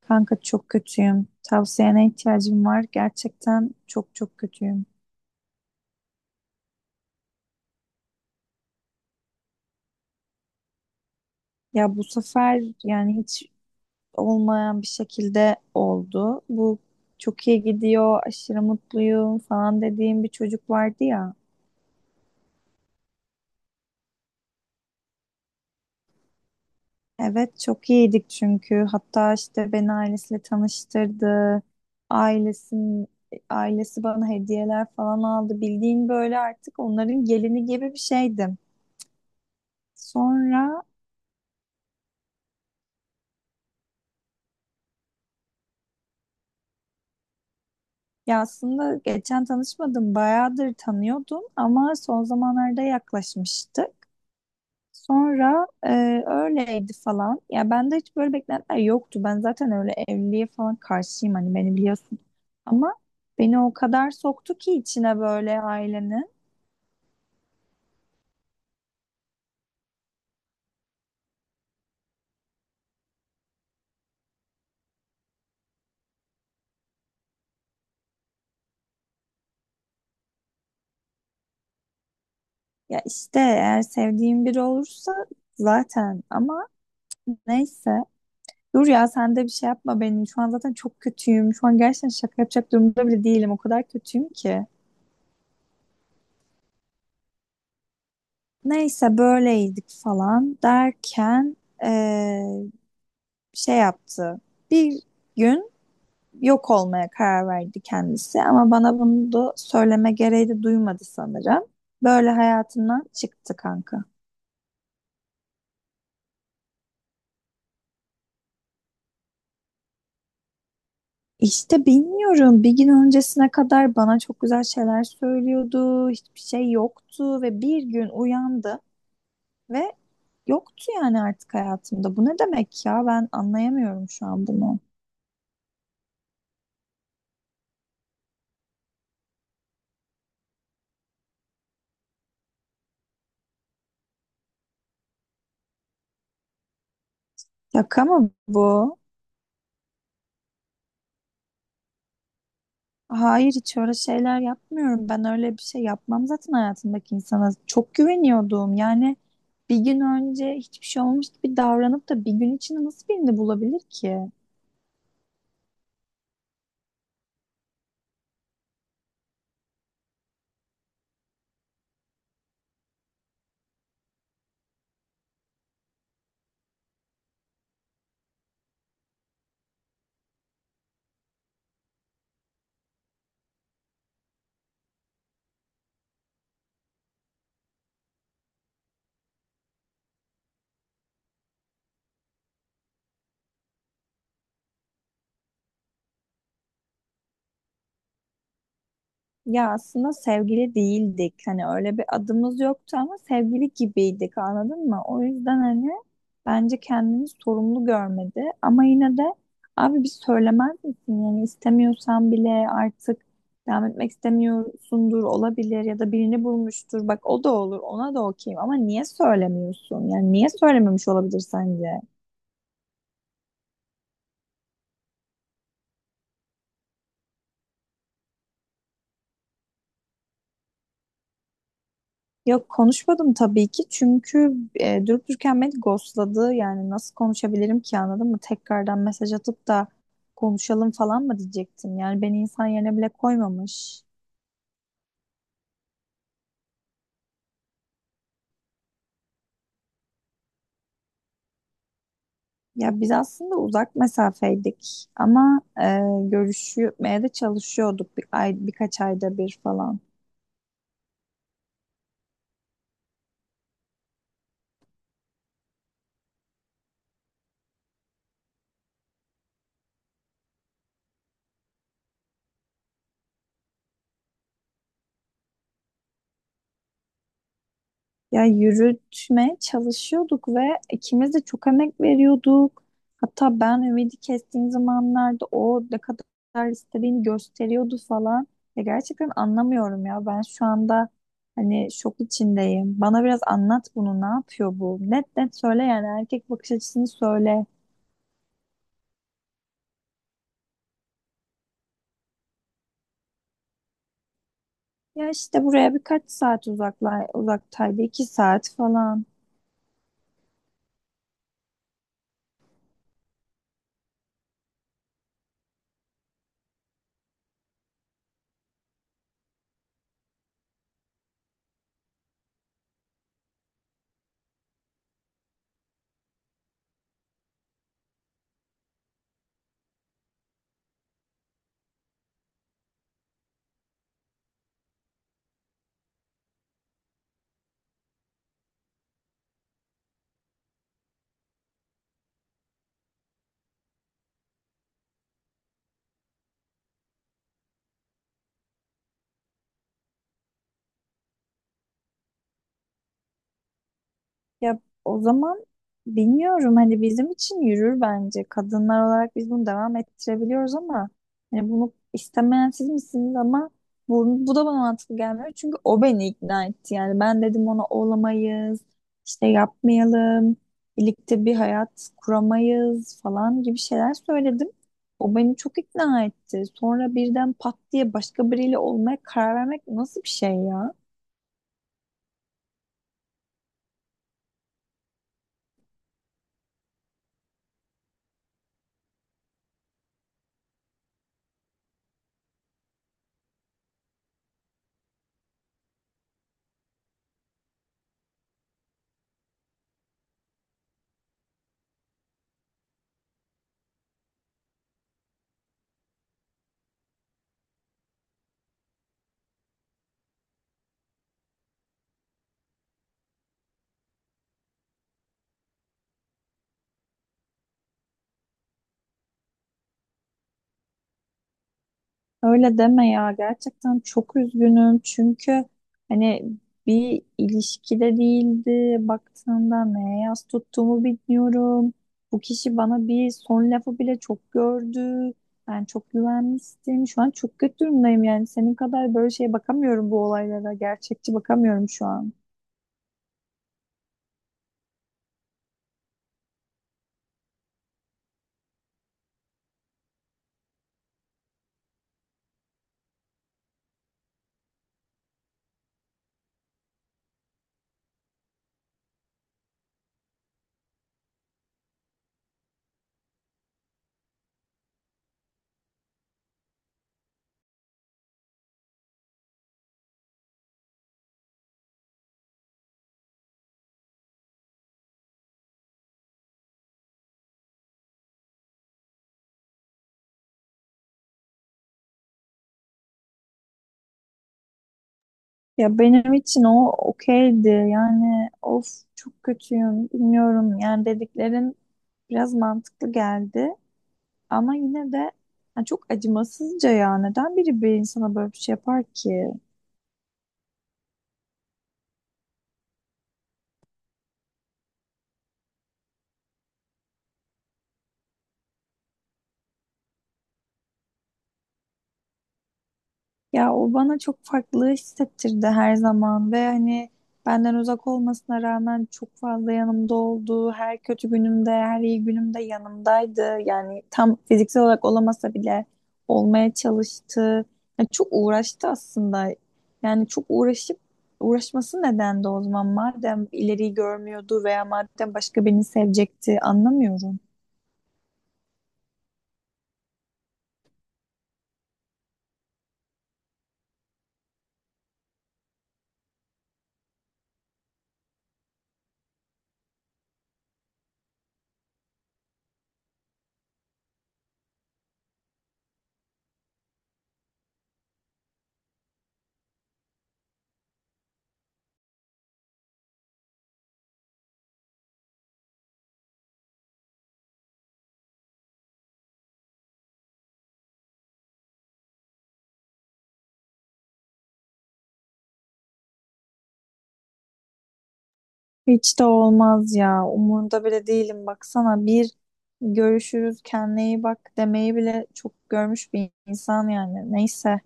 Kanka çok kötüyüm. Tavsiyene ihtiyacım var. Gerçekten çok kötüyüm. Ya bu sefer yani hiç olmayan bir şekilde oldu. Bu çok iyi gidiyor, aşırı mutluyum falan dediğim bir çocuk vardı ya. Evet çok iyiydik çünkü. Hatta işte beni ailesiyle tanıştırdı. Ailesin, Ailesi bana hediyeler falan aldı. Bildiğin böyle artık onların gelini gibi bir şeydim. Sonra ya aslında geçen tanışmadım, bayağıdır tanıyordum ama son zamanlarda yaklaşmıştık. Sonra öyleydi falan. Ya bende hiç böyle beklentiler yoktu. Ben zaten öyle evliliğe falan karşıyım hani beni biliyorsun. Ama beni o kadar soktu ki içine böyle ailenin. Ya işte eğer sevdiğim biri olursa zaten ama neyse. Dur ya sen de bir şey yapma benim. Şu an zaten çok kötüyüm. Şu an gerçekten şaka yapacak durumda bile değilim. O kadar kötüyüm ki. Neyse böyleydik falan derken eee, şey yaptı. Bir gün yok olmaya karar verdi kendisi ama bana bunu da söyleme gereği de duymadı sanırım. Böyle hayatından çıktı kanka. İşte bilmiyorum. Bir gün öncesine kadar bana çok güzel şeyler söylüyordu. Hiçbir şey yoktu ve bir gün uyandı ve yoktu yani artık hayatımda. Bu ne demek ya? Ben anlayamıyorum şu an bunu. Şaka mı bu? Hayır hiç öyle şeyler yapmıyorum. Ben öyle bir şey yapmam zaten hayatımdaki insana. Çok güveniyordum. Yani bir gün önce hiçbir şey olmamış gibi davranıp da bir gün içinde nasıl birini bulabilir ki? Ya aslında sevgili değildik. Hani öyle bir adımız yoktu ama sevgili gibiydik anladın mı? O yüzden hani bence kendini sorumlu görmedi. Ama yine de abi bir söylemez misin? Yani istemiyorsan bile artık devam etmek istemiyorsundur olabilir ya da birini bulmuştur. Bak o da olur ona da okeyim ama niye söylemiyorsun? Yani niye söylememiş olabilir sence? Yok konuşmadım tabii ki çünkü durup dururken beni ghostladı. Yani nasıl konuşabilirim ki anladın mı? Tekrardan mesaj atıp da konuşalım falan mı diyecektim. Yani beni insan yerine bile koymamış. Ya biz aslında uzak mesafeydik ama görüşmeye de çalışıyorduk bir ay, birkaç ayda bir falan. Ya yürütmeye çalışıyorduk ve ikimiz de çok emek veriyorduk. Hatta ben ümidi kestiğim zamanlarda o ne kadar istediğini gösteriyordu falan. Ya gerçekten anlamıyorum ya. Ben şu anda hani şok içindeyim. Bana biraz anlat bunu. Ne yapıyor bu? Net net söyle yani erkek bakış açısını söyle. Ya işte buraya birkaç saat uzaktaydı. İki saat falan. Ya o zaman bilmiyorum hani bizim için yürür bence. Kadınlar olarak biz bunu devam ettirebiliyoruz ama hani bunu istemeyen siz misiniz ama bu da bana mantıklı gelmiyor. Çünkü o beni ikna etti. Yani ben dedim ona olamayız, işte yapmayalım, birlikte bir hayat kuramayız falan gibi şeyler söyledim. O beni çok ikna etti. Sonra birden pat diye başka biriyle olmaya karar vermek nasıl bir şey ya? Öyle deme ya gerçekten çok üzgünüm çünkü hani bir ilişkide değildi baktığında neye yas tuttuğumu bilmiyorum. Bu kişi bana bir son lafı bile çok gördü. Ben çok güvenmiştim. Şu an çok kötü durumdayım yani senin kadar böyle şeye bakamıyorum bu olaylara. Gerçekçi bakamıyorum şu an. Ya benim için o okeydi yani of çok kötüyüm bilmiyorum yani dediklerin biraz mantıklı geldi. Ama yine de ha, çok acımasızca ya. Neden biri bir insana böyle bir şey yapar ki? Ya o bana çok farklı hissettirdi her zaman ve hani benden uzak olmasına rağmen çok fazla yanımda oldu. Her kötü günümde, her iyi günümde yanımdaydı. Yani tam fiziksel olarak olamasa bile olmaya çalıştı. Ya çok uğraştı aslında. Yani çok uğraşıp uğraşması neden de o zaman madem ileriyi görmüyordu veya madem başka birini sevecekti anlamıyorum. Hiç de olmaz ya. Umurunda bile değilim. Baksana bir görüşürüz kendine iyi bak demeyi bile çok görmüş bir insan yani. Neyse.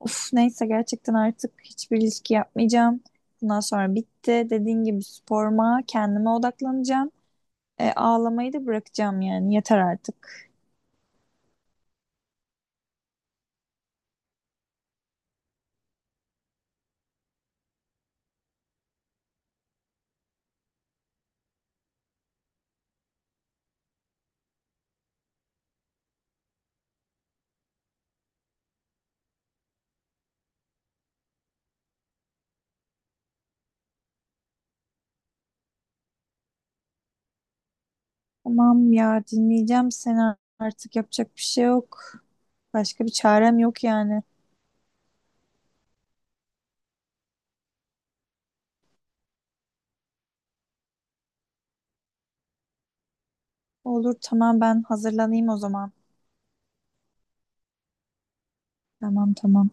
Uf neyse gerçekten artık hiçbir ilişki yapmayacağım. Bundan sonra bitti. Dediğin gibi sporuma, kendime odaklanacağım. Ağlamayı da bırakacağım yani. Yeter artık. Tamam ya dinleyeceğim seni artık yapacak bir şey yok. Başka bir çarem yok yani. Olur tamam ben hazırlanayım o zaman. Tamam tamam.